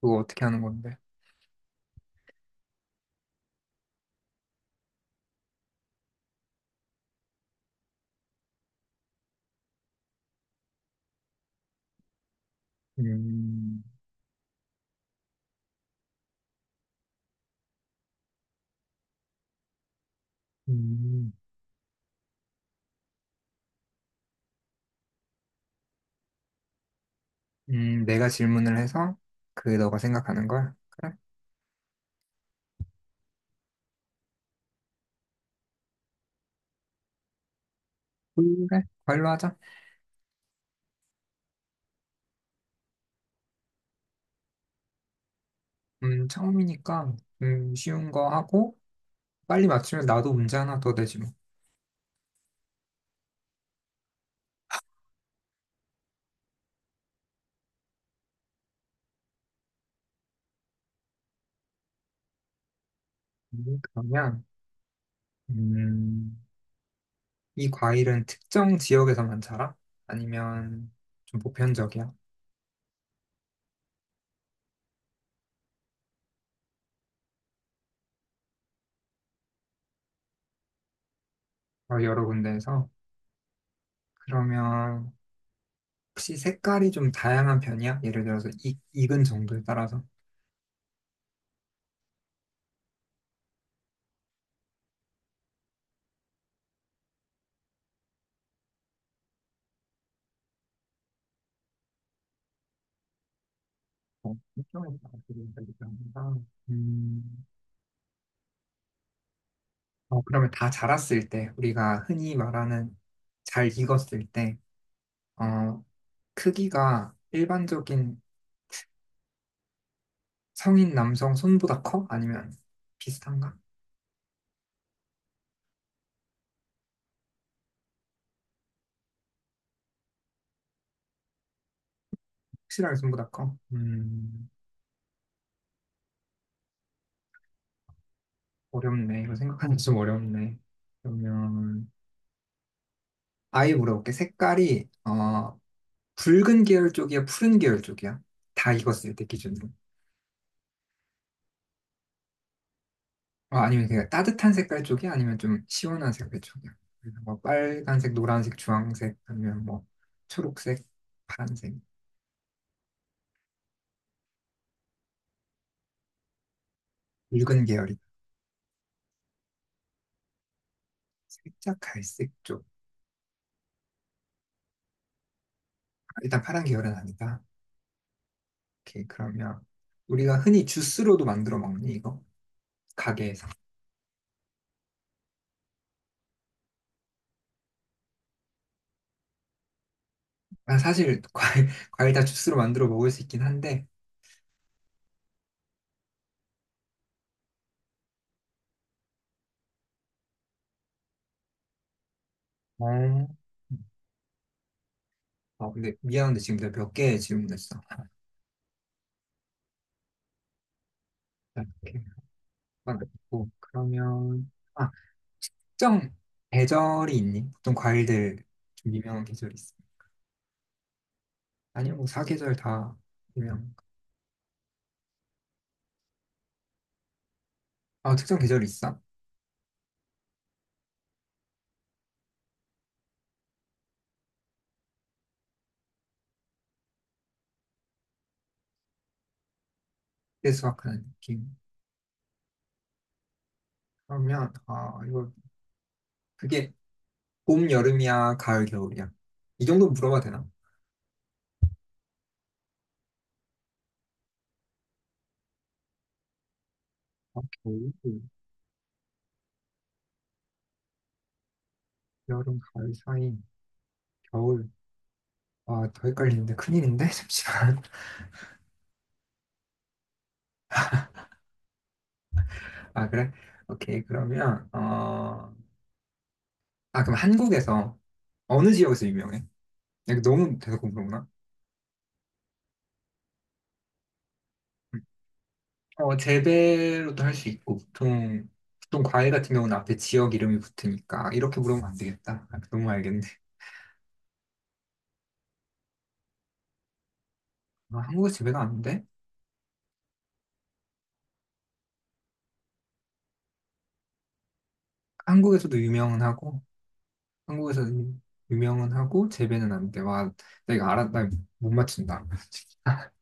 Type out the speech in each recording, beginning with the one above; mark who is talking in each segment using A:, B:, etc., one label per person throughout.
A: 그거 어떻게 하는 건데? 음, 음, 내가 질문을 해서 그 너가 생각하는 걸? 그래? 그래? 과일로 하자. 처음이니까 쉬운 거 하고 빨리 맞추면 나도 문제 하나 더 되지 뭐. 그러면 음, 이 과일은 특정 지역에서만 자라? 아니면 좀 보편적이야? 어, 여러 군데에서? 그러면 혹시 색깔이 좀 다양한 편이야? 예를 들어서 익은 정도에 따라서? 어, 일종의 방식이니까 음, 그러면 다 자랐을 때, 우리가 흔히 말하는 잘 익었을 때, 어, 크기가 일반적인 성인 남성 손보다 커? 아니면 비슷한가? 확실하게 손보다 커? 어렵네. 이거 생각하는 게 좀 어렵네. 그러면, 아예 물어볼게. 색깔이, 붉은 계열 쪽이야, 푸른 계열 쪽이야? 다 익었을 때 기준으로. 어, 아니면 그냥 따뜻한 색깔 쪽이 아니면 좀 시원한 색깔 쪽이요. 그래서 뭐 빨간색, 노란색, 주황색 아니면 뭐 초록색, 파란색, 붉은 계열이 살짝 갈색 쪽. 아, 일단 파란 계열은 아니다. 오케이, 그러면 우리가 흔히 주스로도 만들어 먹니 이거? 가게에서. 아, 사실 과일 과일 다 주스로 만들어 먹을 수 있긴 한데. 어. 아, 근데 미안한데 지금 내가 몇 개 질문했어. 아, 자, 이렇게 막 있고 그러면. 아, 특정 계절이 있니? 보통 과일들 좀 유명한 계절이 있어. 아니요, 뭐 사계절 다 유명. 아, 특정 계절이 있어? 그때 수확하는 느낌. 그러면 아, 이거 그게 봄, 여름이야, 가을, 겨울이야. 이 정도 물어봐도 되나? 겨울, 여름, 가을 사이, 겨울. 아, 더 헷갈리는데 큰일인데 잠시만. 아, 그래? 오케이. 그러면 아, 그럼 한국에서 어느 지역에서 유명해? 내가 너무 대놓고 물어보나? 어, 재배로도 할 수 있고, 보통, 보통 과일 같은 경우는 앞에 지역 이름이 붙으니까, 이렇게 물으면 안 되겠다. 아, 너무 알겠네. 아, 한국에 재배가 안 돼? 한국에서도 유명은 하고, 한국에서도 유명은 하고, 재배는 안 돼. 와, 나 이거 알아, 나못 맞춘다.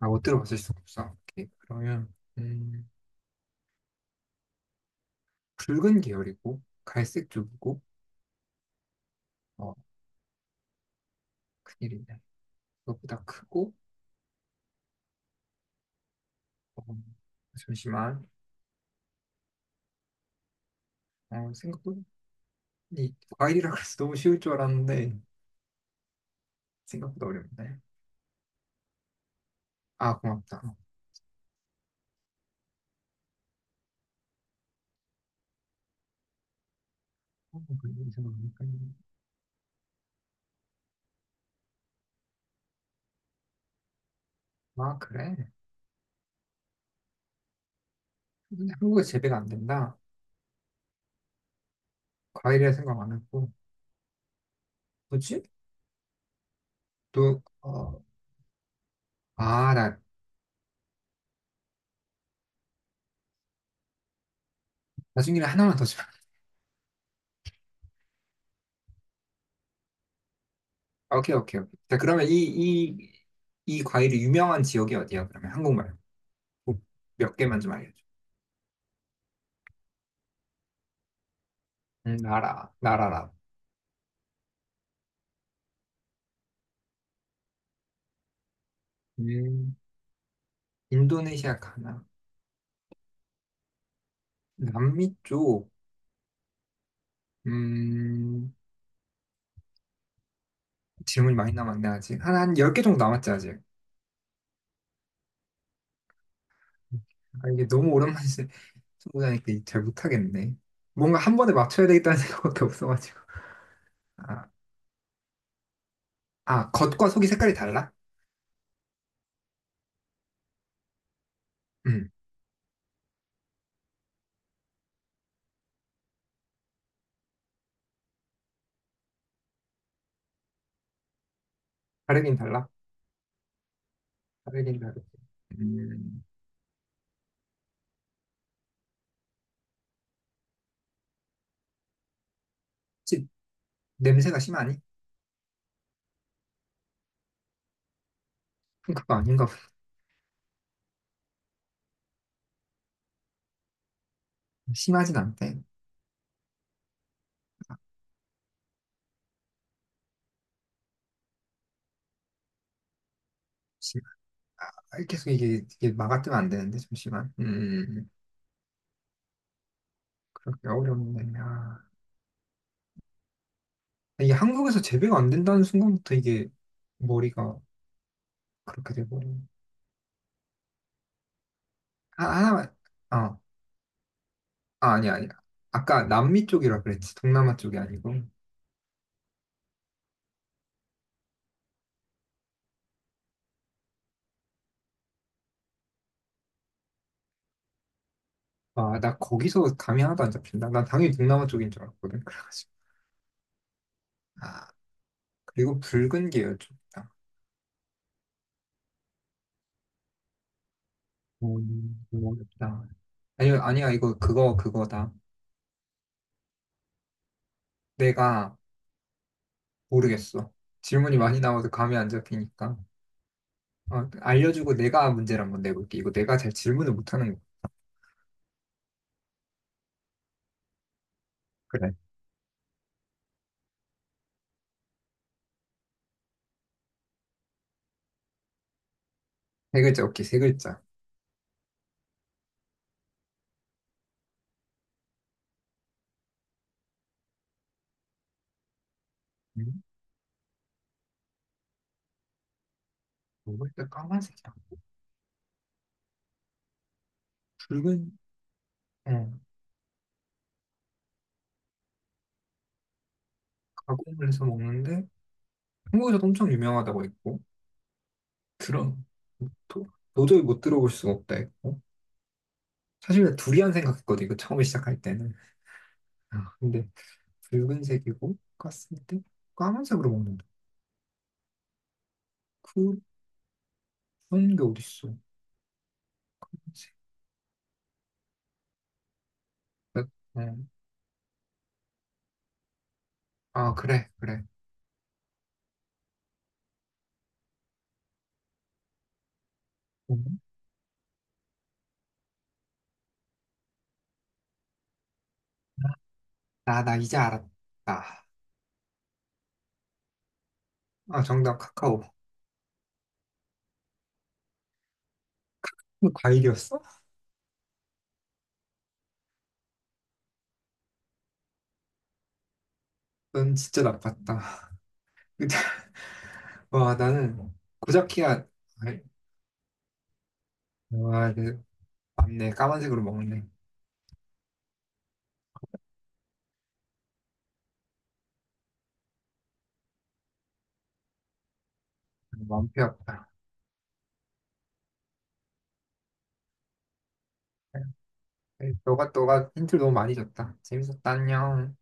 A: 아, 못 들어봤을 수가 없어. 오케이. 그러면, 붉은 계열이고, 갈색 쪽이고, 어, 큰일이네. 그것보다 크고, 어, 잠시만, 생각보다, 이 과일이라 그래서 너무 쉬울 줄 알았는데, 생각보다 어렵네. 아, 고맙다. 어, 그래, 이 생각하니까. 아, 그래? 근데 한국에 재배가 안 된다. 과일이라 생각 안 했고. 뭐지? 또, 아, 나 나중에 하나만 더 줘. 오케이, 오케이, 오케이. 자, 그러면 이, 이 과일이 유명한 지역이 어디야? 그러면 한국말. 뭐몇 개만 좀 알려줘. 나라라. 음, 인도네시아 가나. 남미 쪽, 음, 질문이 많이 남았네, 아직. 한 10개 정도 남았지, 아직. 아, 이게 너무 오랜만에 초보자니까 잘 못하겠네. 뭔가 한 번에 맞춰야 되겠다는 생각밖에 없어가지고. 아, 아, 겉과 속이 색깔이 달라? 음, 다르긴 달라. 다르긴 다르지. 음, 혹시 냄새가 심하니? 그럼 그거 아닌가 보다. 심하진 않대. 아, 심- 아, 계속 이게 막아뜨면 안 되는데, 잠시만. 그렇게 어렵네. 아, 이게 한국에서 재배가 안 된다는 순간부터 이게 머리가 그렇게 돼버려. 아, 하나만, 어, 아, 아니야, 아니야. 아까 남미 쪽이라 그랬지. 동남아 쪽이 아니고. 아, 나 거기서 감이 하나도 안 잡힌다. 난 당연히 동남아 쪽인 줄 알았거든. 그래가지고. 아, 그리고 붉은 게열쪽이다 너무 어렵다. 아니, 아니야, 이거 그거다. 내가 모르겠어. 질문이 많이 나와서 감이 안 잡히니까. 어, 알려주고 내가 문제를 한번 내볼게. 이거 내가 잘 질문을 못하는 거. 그래. 세 글자, 오케이, 세 글자. 음? 먹을 때 까만색이야. 붉은, 어, 가공을 해서 먹는데, 한국에서도 엄청 유명하다고 했고, 들어, 도, 도저히 못 들어볼 수가 없다 했고. 사실 두리안 생각했거든, 이거 처음에 시작할 때는. 아, 근데 붉은색이고 깠을 때 까만색으로 먹는다. 그런 게 어딨어. 붉은색. 어, 아, 그래, 그래. 음. 아, 나 이제 알았다. 아, 정답 카카오. 이거 과일이었어? 넌 진짜 나빴다. 근데 와, 나는 고자키야. 아이, 와, 네. 맞네. 까만색으로 먹네. 마음 피 아프다. 아이, 너가 힌트를 너무 많이 줬다. 재밌었다. 안녕.